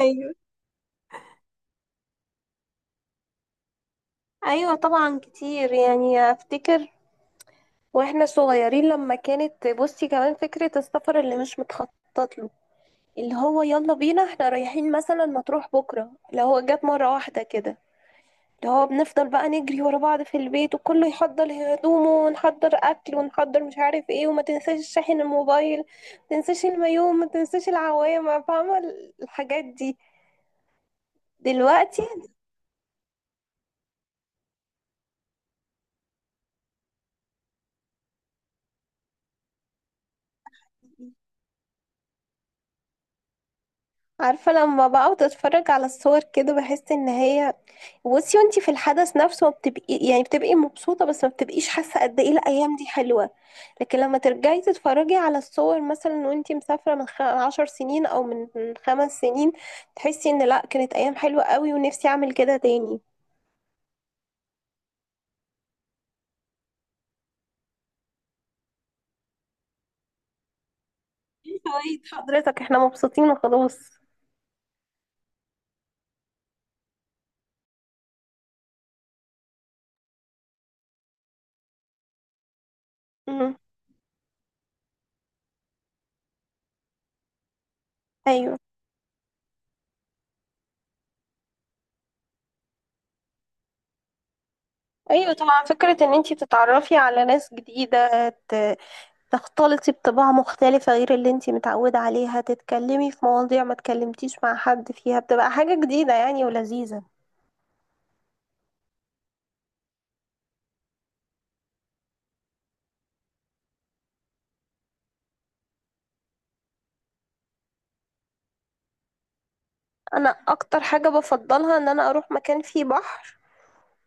ايوه، ايوه طبعا كتير يعني افتكر واحنا صغيرين، لما كانت بصي كمان فكرة السفر اللي مش متخطط له. اللي هو يلا بينا، احنا رايحين مثلا مطروح بكرة، اللي هو جت مرة واحدة كده. اللي هو بنفضل بقى نجري ورا بعض في البيت، وكله يحضر هدومه ونحضر اكل ونحضر مش عارف ايه، وما تنساش شاحن الموبايل، ما تنساش المايو، ما تنساش العوامة، فاهمة؟ الحاجات دي دلوقتي. عارفة لما بقى بتتفرج على الصور كده، بحس ان هي، بصي وانتي في الحدث نفسه ما بتبقي يعني بتبقي مبسوطة، بس ما بتبقيش حاسة قد ايه الأيام دي حلوة. لكن لما ترجعي تتفرجي على الصور مثلا وانتي مسافرة من 10 سنين أو من 5 سنين، تحسي ان لأ كانت أيام حلوة قوي ونفسي أعمل كده تاني. ايه فوايد حضرتك؟ احنا مبسوطين وخلاص. مم. ايوه. ايوه طبعا، فكرة ان انتي تتعرفي على ناس جديدة، تختلطي بطباع مختلفة غير اللي انتي متعودة عليها، تتكلمي في مواضيع ما تكلمتيش مع حد فيها، بتبقى حاجة جديدة يعني ولذيذة. انا اكتر حاجة بفضلها ان انا اروح مكان فيه بحر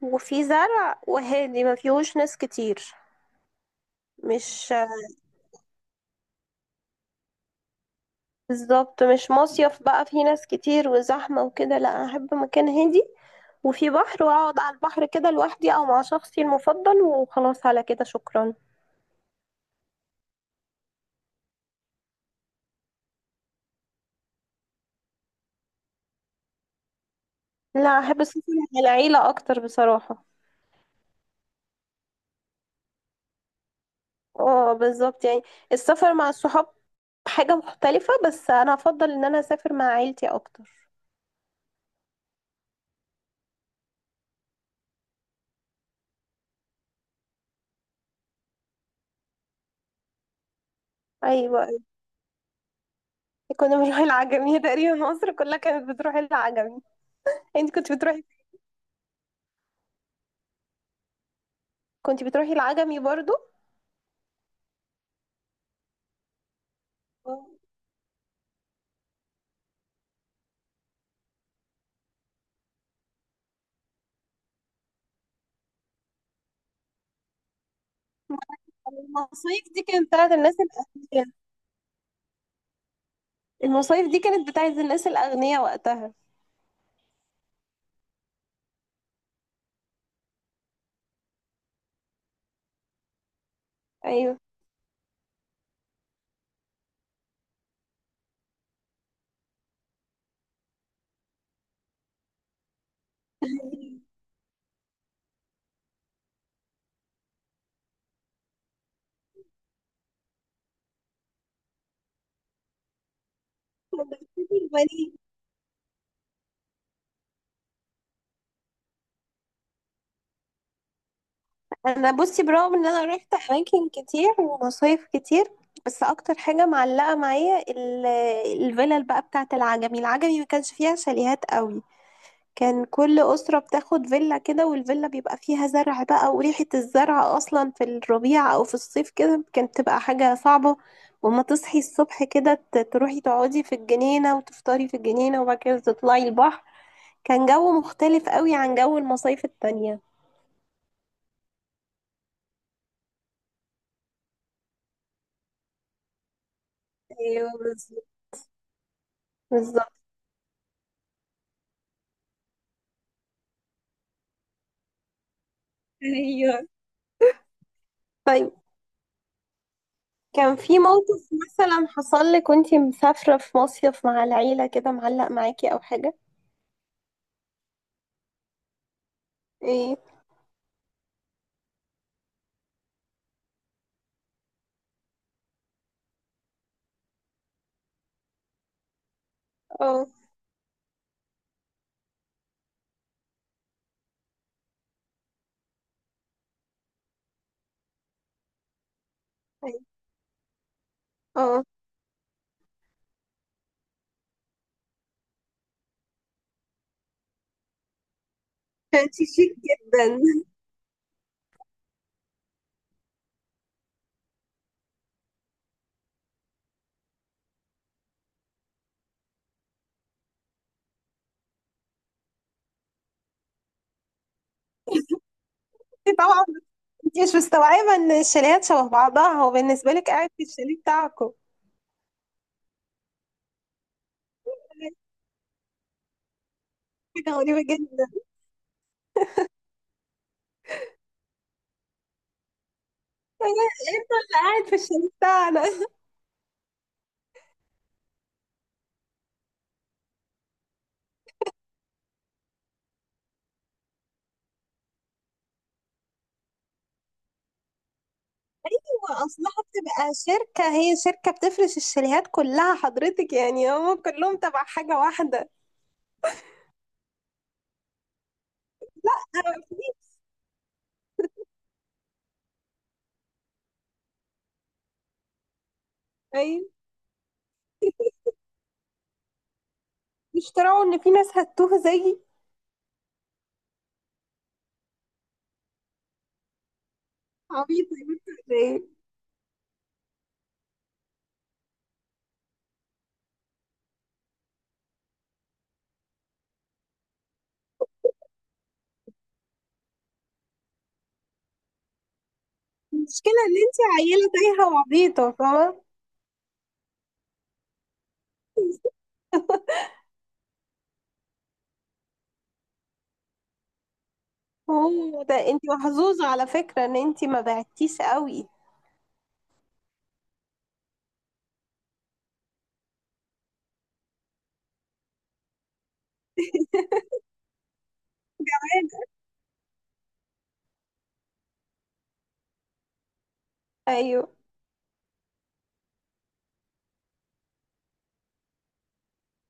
وفيه زرع وهادي ما فيهوش ناس كتير. مش. بالظبط، مش مصيف بقى فيه ناس كتير وزحمة وكده. لا انا احب مكان هادي وفي بحر، واقعد على البحر كده لوحدي او مع شخصي المفضل وخلاص على كده شكرا. لا، احب السفر مع العيلة اكتر بصراحة. اه بالظبط يعني، السفر مع الصحاب حاجة مختلفة، بس انا افضل ان انا اسافر مع عيلتي اكتر. ايوه، كنا بنروح العجمي هي تقريبا مصر كلها كانت بتروح العجمي. انت كنت بتروحي؟ كنت بتروحي العجمي برضو؟ آه. المصايف دي كانت بتاعت الناس الأغنياء. المصايف دي كانت بتاعت الناس الأغنياء وقتها. ايوه. انا بصي برغم ان انا رحت اماكن كتير ومصايف كتير، بس اكتر حاجه معلقه معايا الفيلل بقى بتاعه العجمي. العجمي ما كانش فيها شاليهات قوي. كان كل اسره بتاخد فيلا كده، والفيلا بيبقى فيها زرع بقى، وريحه الزرع اصلا في الربيع او في الصيف كده كانت تبقى حاجه صعبه. وما تصحي الصبح كده تروحي تقعدي في الجنينه، وتفطري في الجنينه، وبعد كده تطلعي البحر. كان جو مختلف قوي عن جو المصايف التانية. ايوه بالظبط. بالظبط. ايوه. طيب، كان في موقف مثلا حصل لك وانتي مسافرة في مصيف مع العيلة كده معلق معاكي او حاجة؟ ايه؟ اه. أيوة. اه، كانت شيك جدا انت طبعا، انت مش مستوعبة ان الشاليهات شبه بعضها، هو بالنسبة لك قاعد في الشاليه بتاعكم حاجة غريبة جدا. انت اللي قاعد في الشاليه بتاعنا. اصلها بتبقى شركة، هي شركة بتفرش الشاليهات كلها حضرتك، يعني هم كلهم تبع حاجة واحدة أنا ما فيش- أيوة. بيشتروا ان في ناس هتوه زيي. عبيطة يا بنت ولا ايه؟ المشكلة ان انت عيلة تايهة وعبيطة، فاهمة. هو ده انت محظوظة على فكرة، ان انت ما بعتيش قوي. ايوه.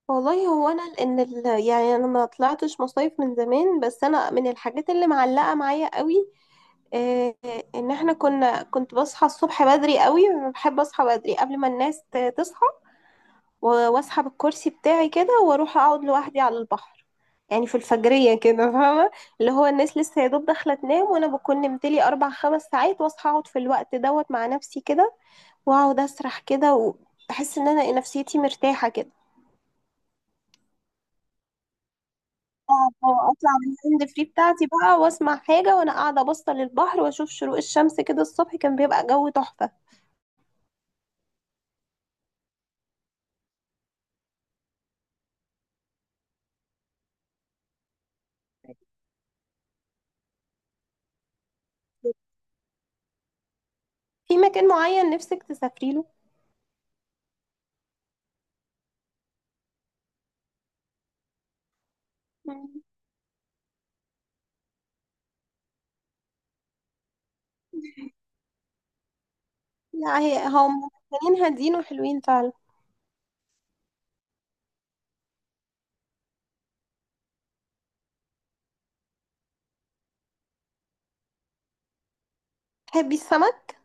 والله هو انا لان يعني انا ما طلعتش مصايف من زمان، بس انا من الحاجات اللي معلقة معايا قوي، آه، ان احنا كنا، كنت بصحى الصبح بدري قوي، بحب اصحى بدري قبل ما الناس تصحى، و واسحب الكرسي بتاعي كده واروح اقعد لوحدي على البحر، يعني في الفجرية كده فاهمة. اللي هو الناس لسه يا دوب داخلة تنام، وانا بكون نمت لي 4 5 ساعات واصحى اقعد في الوقت دوت مع نفسي كده، واقعد اسرح كده، وبحس ان انا نفسيتي مرتاحة كده. آه، اه اطلع من الهاند فري بتاعتي بقى واسمع حاجة وانا قاعدة باصة للبحر، واشوف شروق الشمس كده. الصبح كان بيبقى جو تحفة. في مكان معين نفسك تسافري له؟ مم. لا، هي هم مكانين هادين وحلوين فعلا. تحبي السمك؟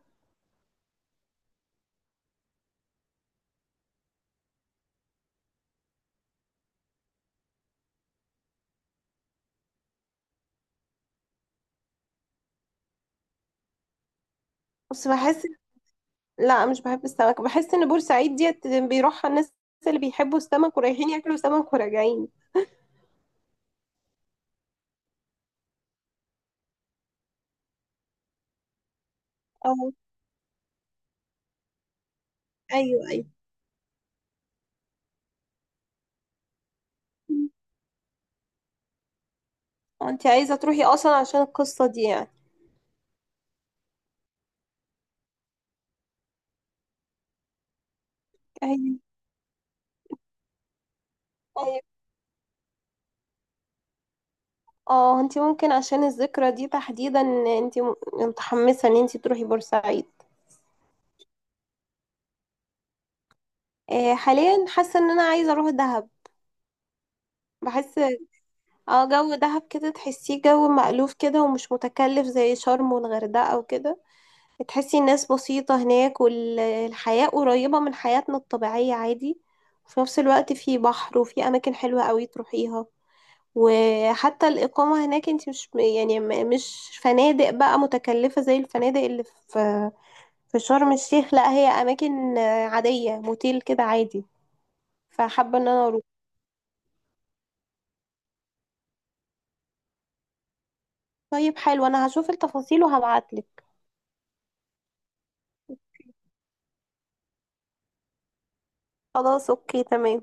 بس بحس، لا مش بحب السمك، بحس ان بورسعيد ديت بيروحها الناس اللي بيحبوا السمك، ورايحين ياكلوا سمك وراجعين. اه. ايوه ايوه. أه، انت عايزه تروحي اصلا عشان القصه دي يعني. ايوه ايوه. اه، انت ممكن عشان الذكرى دي تحديدا، انت متحمسه ان انت تروحي بورسعيد. حاليا حاسه ان انا عايزه اروح دهب. بحس، اه، جو دهب كده تحسيه جو مألوف كده ومش متكلف زي شرم والغردقه وكده. تحسي الناس بسيطة هناك، والحياة قريبة من حياتنا الطبيعية عادي. وفي نفس الوقت في بحر وفي أماكن حلوة قوي تروحيها. وحتى الإقامة هناك انت مش يعني، مش فنادق بقى متكلفة زي الفنادق اللي في في شرم الشيخ. لا هي أماكن عادية، موتيل كده عادي. فحابة إن أنا أروح. طيب حلو، أنا هشوف التفاصيل وهبعتلك. خلاص أوكي تمام.